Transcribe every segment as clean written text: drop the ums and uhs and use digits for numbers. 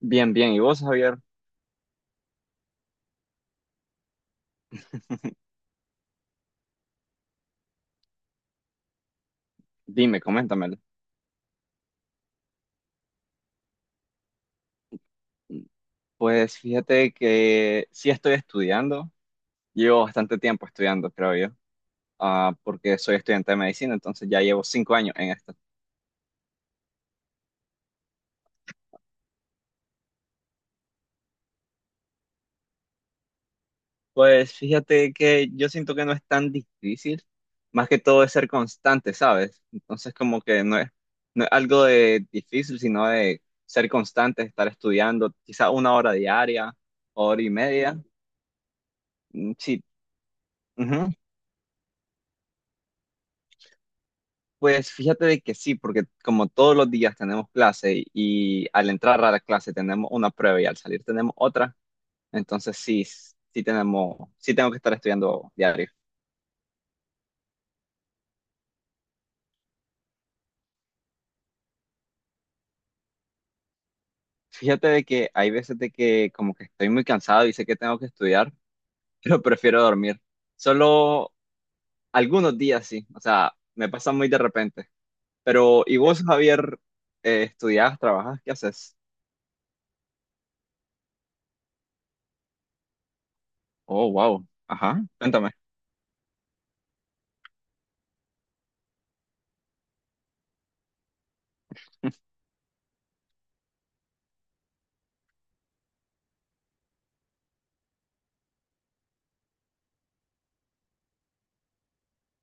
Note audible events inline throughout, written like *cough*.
Bien, bien. ¿Y vos, Javier? Dime, coméntamelo. Pues fíjate que sí estoy estudiando. Llevo bastante tiempo estudiando, creo yo, porque soy estudiante de medicina, entonces ya llevo 5 años en esto. Pues fíjate que yo siento que no es tan difícil, más que todo es ser constante, ¿sabes? Entonces como que no es algo de difícil, sino de ser constante, estar estudiando quizá una hora diaria, hora y media. Mm, sí. Pues fíjate de que sí, porque como todos los días tenemos clase y al entrar a la clase tenemos una prueba y al salir tenemos otra, entonces sí, sí tengo que estar estudiando diario. Fíjate de que hay veces de que como que estoy muy cansado y sé que tengo que estudiar, *laughs* pero prefiero dormir. Solo algunos días sí, o sea, me pasa muy de repente. Pero, ¿y vos, Javier, estudiás, trabajas, qué haces? Oh, wow, ajá, cuéntame.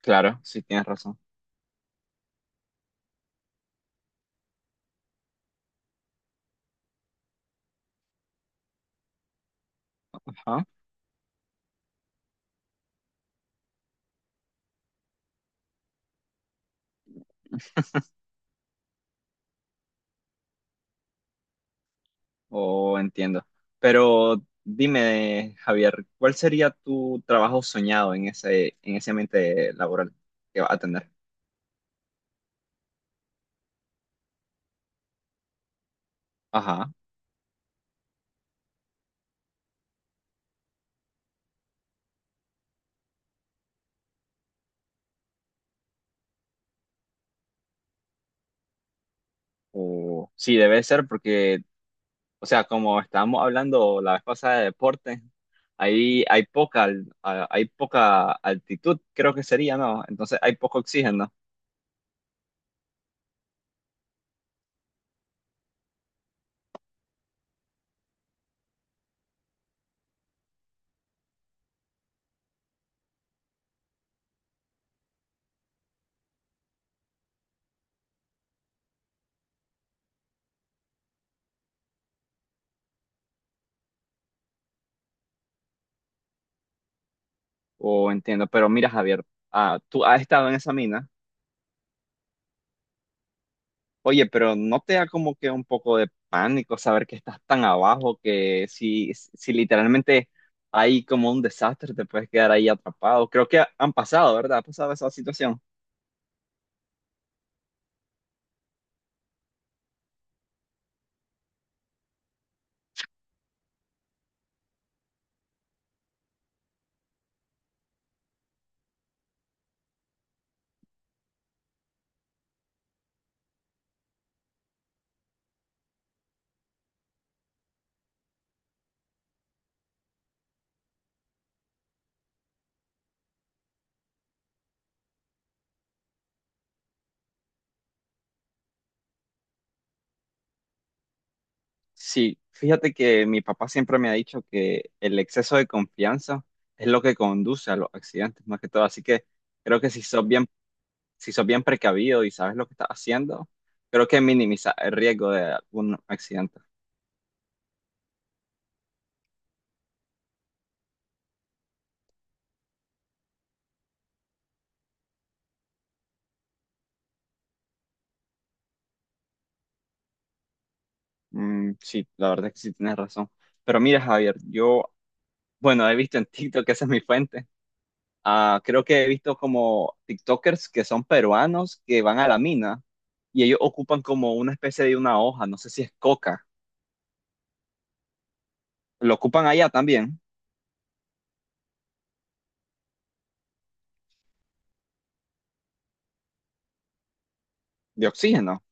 Claro, sí tienes razón. Ajá. Oh, entiendo. Pero dime, Javier, ¿cuál sería tu trabajo soñado en ese ambiente laboral que vas a tener? Ajá. O sí, debe ser porque, o sea, como estábamos hablando la vez pasada de deporte, ahí hay poca altitud, creo que sería, ¿no? Entonces hay poco oxígeno. O entiendo. Pero mira, Javier, tú has estado en esa mina. Oye, pero ¿no te da como que un poco de pánico saber que estás tan abajo que si literalmente hay como un desastre, te puedes quedar ahí atrapado? Creo que han pasado, ¿verdad? Ha pasado esa situación. Sí, fíjate que mi papá siempre me ha dicho que el exceso de confianza es lo que conduce a los accidentes, más que todo. Así que creo que si sos bien precavido y sabes lo que estás haciendo, creo que minimiza el riesgo de algún accidente. Mm, sí, la verdad es que sí tienes razón. Pero mira, Javier, yo Bueno, he visto en TikTok, que esa es mi fuente. Ah, creo que he visto como TikTokers que son peruanos que van a la mina y ellos ocupan como una especie de una hoja, no sé si es coca. Lo ocupan allá también. De oxígeno.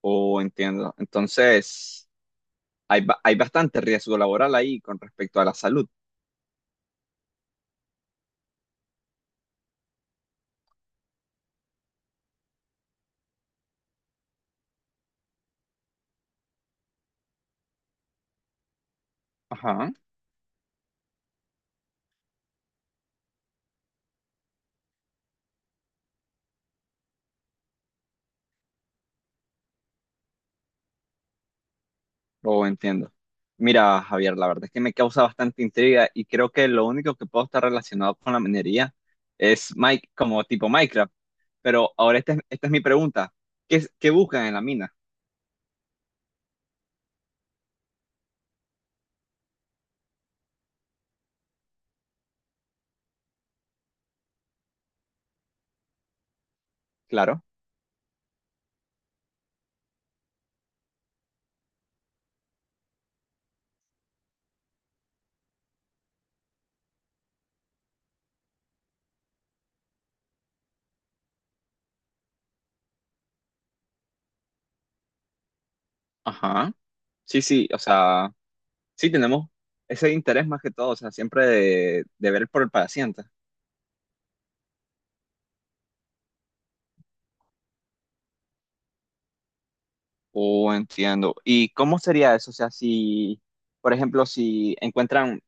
O, entiendo. Entonces, hay bastante riesgo laboral ahí con respecto a la salud. Ajá. Lo entiendo. Mira, Javier, la verdad es que me causa bastante intriga y creo que lo único que puedo estar relacionado con la minería es Mike, como tipo Minecraft. Pero ahora esta es mi pregunta. ¿Qué buscan en la mina? Claro. Ajá. Sí, sí, o sea, sí tenemos ese interés más que todo, o sea, siempre de ver por el paciente. Oh, entiendo. ¿Y cómo sería eso? O sea, por ejemplo, si encuentran,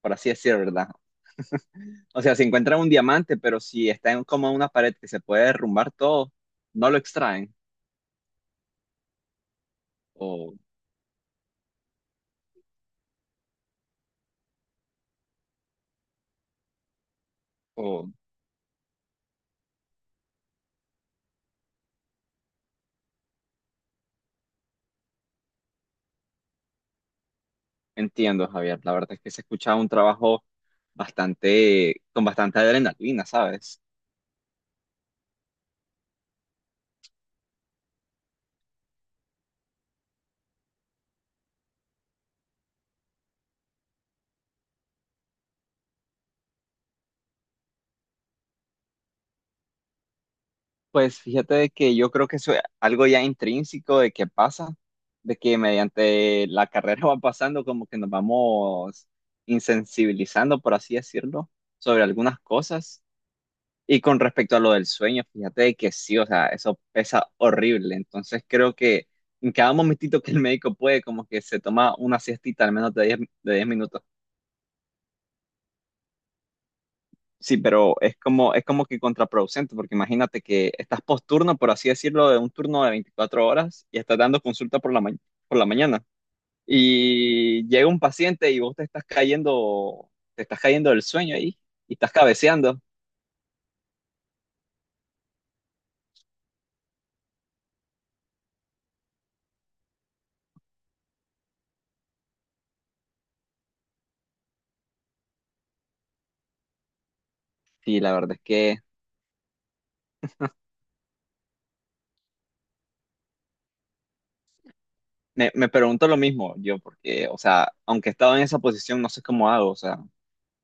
por así decir, ¿verdad? O sea, si encuentran un diamante, pero si está en como una pared que se puede derrumbar todo, no lo extraen. O, o, entiendo, Javier. La verdad es que se escucha un trabajo con bastante adrenalina, ¿sabes? Pues fíjate de que yo creo que eso es algo ya intrínseco de que pasa, de que mediante la carrera *laughs* va pasando como que nos vamos insensibilizando, por así decirlo, sobre algunas cosas. Y con respecto a lo del sueño, fíjate de que sí, o sea, eso pesa horrible. Entonces creo que en cada momentito que el médico puede, como que se toma una siestita al menos de 10 minutos. Sí, pero es como que contraproducente, porque imagínate que estás posturno, por así decirlo, de un turno de 24 horas y estás dando consulta por la mañana. Y llega un paciente y vos te estás cayendo del sueño ahí y estás cabeceando. Y la verdad es que me pregunto lo mismo yo, porque, o sea, aunque he estado en esa posición, no sé cómo hago, o sea,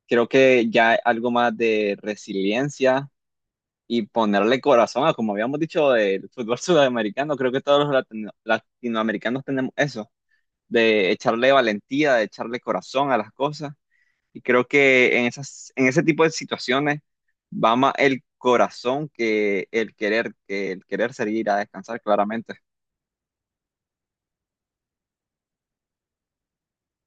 creo que ya algo más de resiliencia y ponerle corazón a, como habíamos dicho, del fútbol *laughs* sudamericano. Creo que todos los latinoamericanos tenemos eso, de echarle valentía, de echarle corazón a las cosas. Y creo que en ese tipo de situaciones va más el corazón que el querer salir a descansar, claramente.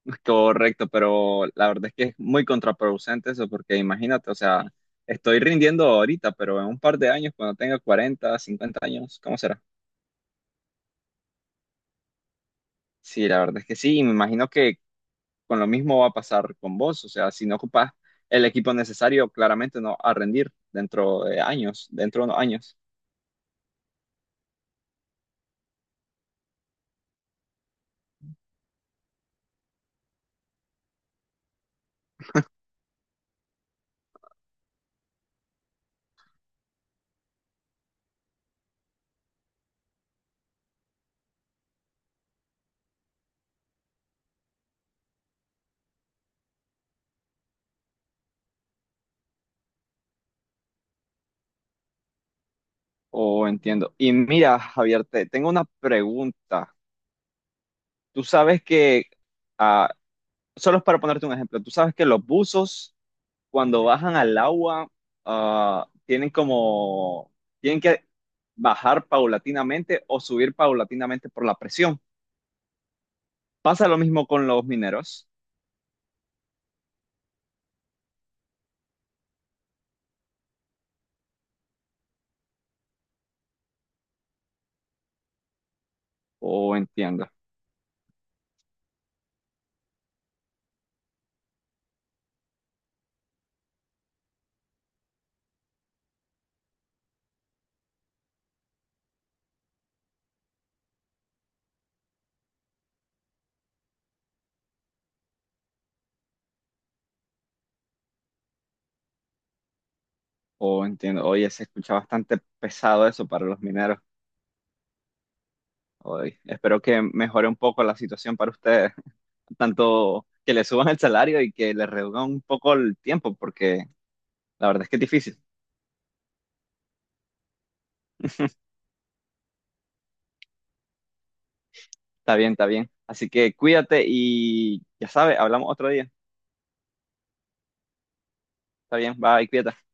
*laughs* Correcto, pero la verdad es que es muy contraproducente eso, porque imagínate, o sea, estoy rindiendo ahorita, pero en un par de años, cuando tenga 40 50 años, ¿cómo será? Sí, la verdad es que sí, y me imagino que con lo mismo va a pasar con vos, o sea, si no ocupas el equipo necesario, claramente no a rendir dentro de unos años. Oh, entiendo. Y mira, Javier, te tengo una pregunta. Tú sabes que, ah, solo es para ponerte un ejemplo, tú sabes que los buzos cuando bajan al agua ah, tienen como, tienen que bajar paulatinamente o subir paulatinamente por la presión. ¿Pasa lo mismo con los mineros? O, entiendo. Oh, entiendo. Oye, se escucha bastante pesado eso para los mineros. Oye, espero que mejore un poco la situación para ustedes, *laughs* tanto que le suban el salario y que le reduzcan un poco el tiempo, porque la verdad es que es difícil. Está bien, está bien. Así que cuídate y ya sabes, hablamos otro día. Está bien, bye, cuídate.